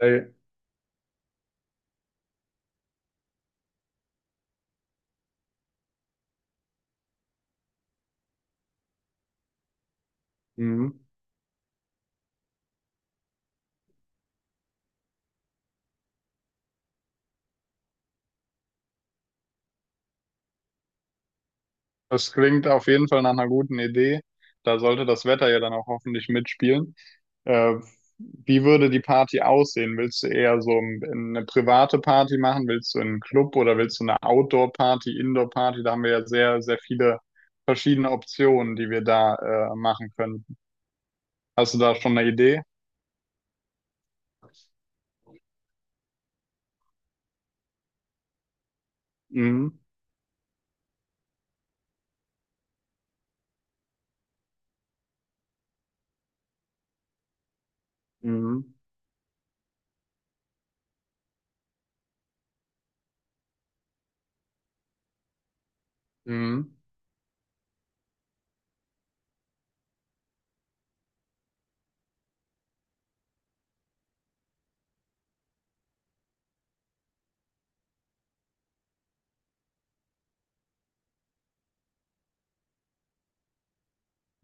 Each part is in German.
Ey, mhm. Das klingt auf jeden Fall nach einer guten Idee. Da sollte das Wetter ja dann auch hoffentlich mitspielen. Äh, Wie würde die Party aussehen? Willst du eher so eine private Party machen? Willst du einen Club oder willst du eine Outdoor-Party, Indoor-Party? Da haben wir ja sehr, sehr viele verschiedene Optionen, die wir da machen können. Hast du da schon eine Idee? Mhm. Mhm. Mhm.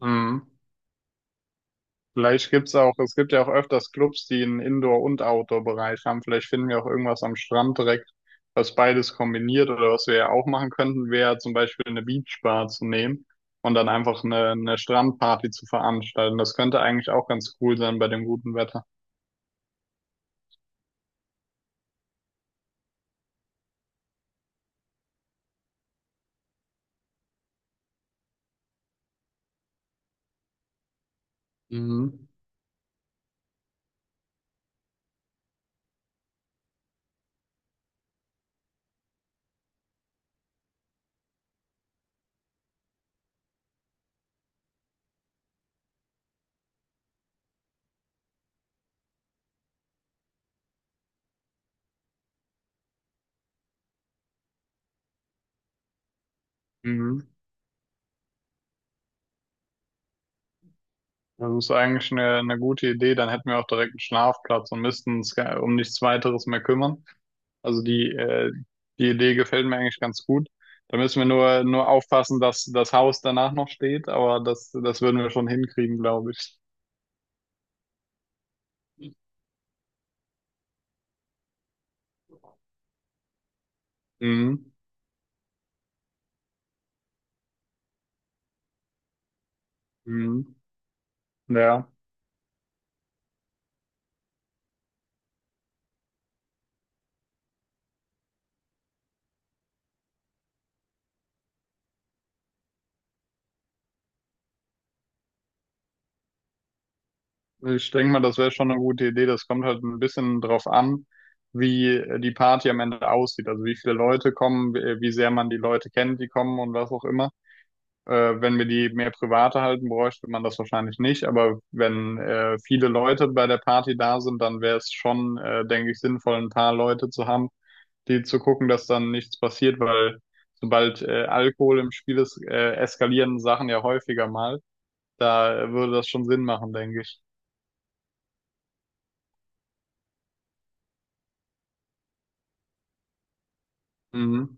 Mhm. Vielleicht gibt's auch, es gibt ja auch öfters Clubs, die einen Indoor- und Outdoor-Bereich haben. Vielleicht finden wir auch irgendwas am Strand direkt, was beides kombiniert, oder was wir ja auch machen könnten, wäre zum Beispiel eine Beachbar zu nehmen und dann einfach eine Strandparty zu veranstalten. Das könnte eigentlich auch ganz cool sein bei dem guten Wetter. Mhm. Mhm. Das ist eigentlich eine gute Idee. Dann hätten wir auch direkt einen Schlafplatz und müssten uns um nichts weiteres mehr kümmern. Also die, die Idee gefällt mir eigentlich ganz gut. Da müssen wir nur aufpassen, dass das Haus danach noch steht, aber das würden wir schon hinkriegen, glaube ich. Mhm. Mhm. Ja, ich denke mal, das wäre schon eine gute Idee. Das kommt halt ein bisschen drauf an, wie die Party am Ende aussieht. Also wie viele Leute kommen, wie sehr man die Leute kennt, die kommen und was auch immer. Wenn wir die mehr private halten, bräuchte man das wahrscheinlich nicht. Aber wenn viele Leute bei der Party da sind, dann wäre es schon, denke ich, sinnvoll, ein paar Leute zu haben, die zu gucken, dass dann nichts passiert, weil sobald Alkohol im Spiel ist, eskalieren Sachen ja häufiger mal. Da würde das schon Sinn machen, denke ich. Mhm.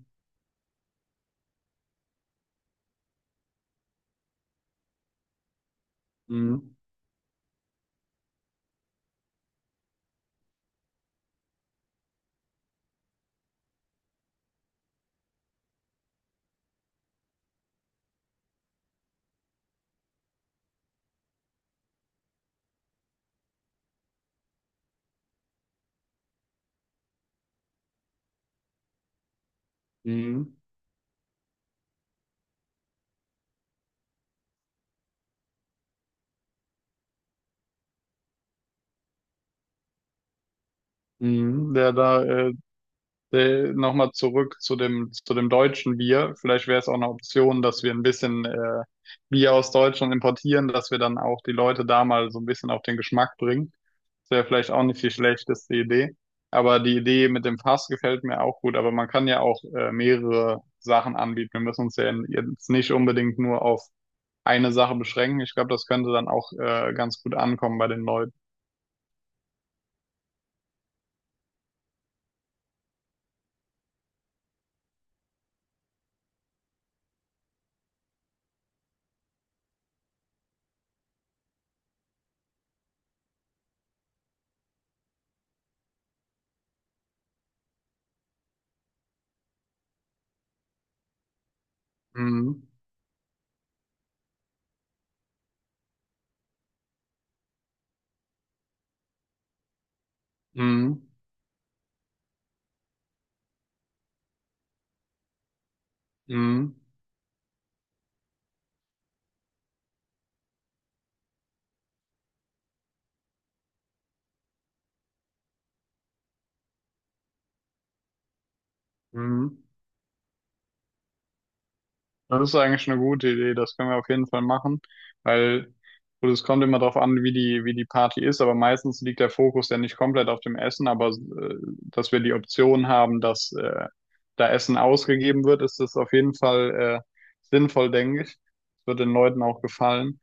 Mhm. Mhm. Mhm. Ja, da nochmal zurück zu zu dem deutschen Bier. Vielleicht wäre es auch eine Option, dass wir ein bisschen Bier aus Deutschland importieren, dass wir dann auch die Leute da mal so ein bisschen auf den Geschmack bringen. Das wäre vielleicht auch nicht die schlechteste Idee. Aber die Idee mit dem Fass gefällt mir auch gut. Aber man kann ja auch mehrere Sachen anbieten. Wir müssen uns ja jetzt nicht unbedingt nur auf eine Sache beschränken. Ich glaube, das könnte dann auch ganz gut ankommen bei den Leuten. Mhm. Mhm. Mhm. Mhm. Das ist eigentlich eine gute Idee, das können wir auf jeden Fall machen, weil gut, es kommt immer darauf an, wie die Party ist, aber meistens liegt der Fokus ja nicht komplett auf dem Essen, aber dass wir die Option haben, dass da Essen ausgegeben wird, ist das auf jeden Fall äh, sinnvoll, denke ich. Es wird den Leuten auch gefallen.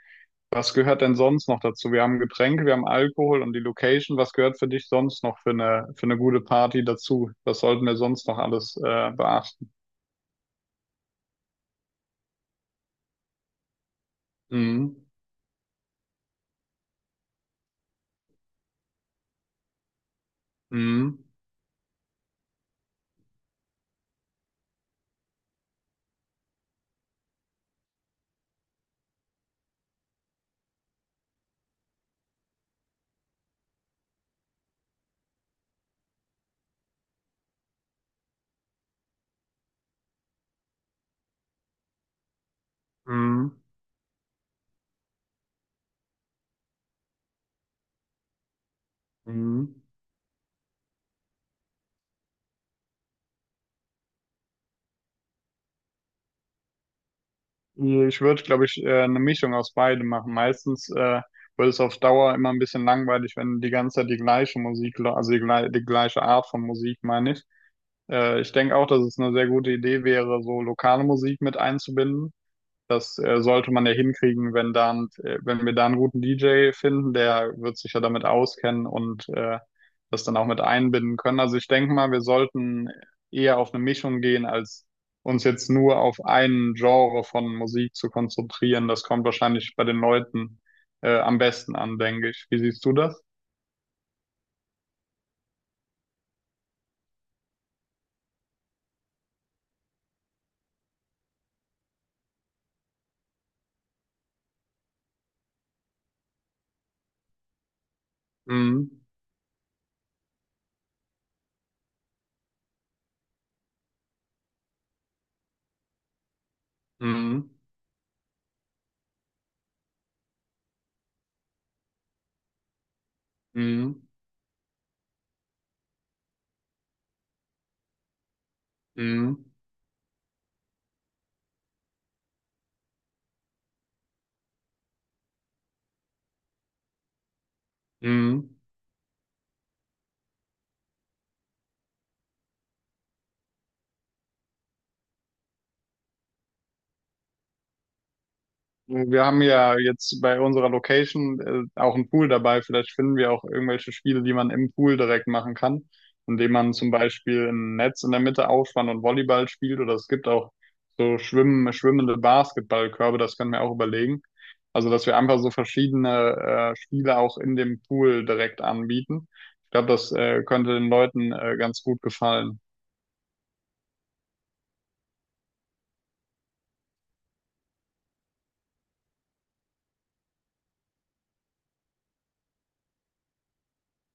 Was gehört denn sonst noch dazu? Wir haben Getränke, wir haben Alkohol und die Location. Was gehört für dich sonst noch für für eine gute Party dazu? Was sollten wir sonst noch alles beachten? Mhm. Mhm. Mhm. Mhm. Ich würde, glaube ich, eine Mischung aus beidem machen. Meistens wird es auf Dauer immer ein bisschen langweilig, wenn du die ganze Zeit die gleiche Musik, also die gleiche Art von Musik, meine ich. Ich denke auch, dass es eine sehr gute Idee wäre, so lokale Musik mit einzubinden. Das sollte man ja hinkriegen, wenn dann, wenn wir da einen guten DJ finden, der wird sich ja damit auskennen und das dann auch mit einbinden können. Also ich denke mal, wir sollten eher auf eine Mischung gehen, als uns jetzt nur auf einen Genre von Musik zu konzentrieren. Das kommt wahrscheinlich bei den Leuten am besten an, denke ich. Wie siehst du das? Mhm. Mhm. Mhm. Mhm. Mhm. Wir haben ja jetzt bei unserer Location auch einen Pool dabei. Vielleicht finden wir auch irgendwelche Spiele, die man im Pool direkt machen kann, indem man zum Beispiel ein Netz in der Mitte aufspannt und Volleyball spielt. Oder es gibt auch schwimmende Basketballkörbe, das können wir auch überlegen. Also, dass wir einfach so verschiedene Spiele auch in dem Pool direkt anbieten. Ich glaube, das könnte den Leuten ganz gut gefallen.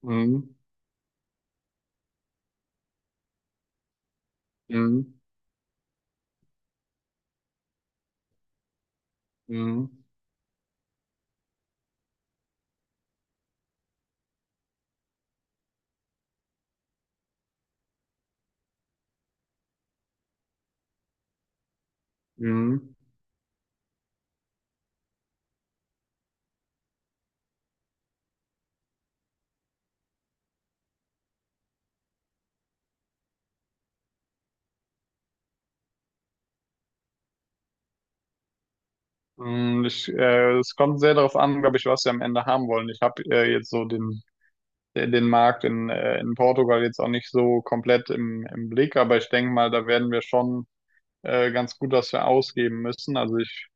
Mhm. Mhm. Mhm. Mhm. Mm, es kommt sehr darauf an, glaube ich, was wir am Ende haben wollen. Ich habe jetzt so den Markt in Portugal jetzt auch nicht so komplett im Blick, aber ich denke mal, da werden wir schon ganz gut was für ausgeben müssen. Also ich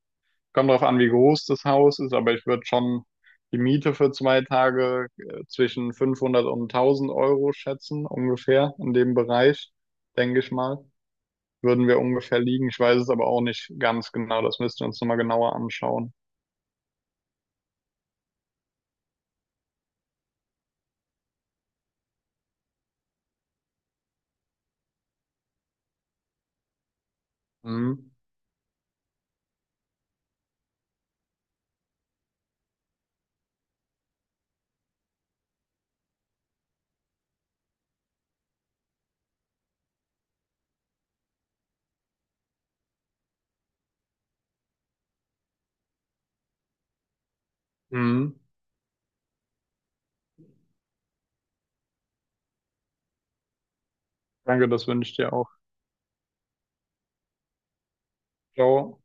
Kommt darauf an, wie groß das Haus ist, aber ich würde schon die Miete für 2 Tage zwischen 500 und 1000 € schätzen, ungefähr in dem Bereich, denke ich mal. Würden wir ungefähr liegen. Ich weiß es aber auch nicht ganz genau. Das müssten wir uns nochmal genauer anschauen. Mhm. Mhm. Danke, das wünsche ich dir auch. Ciao.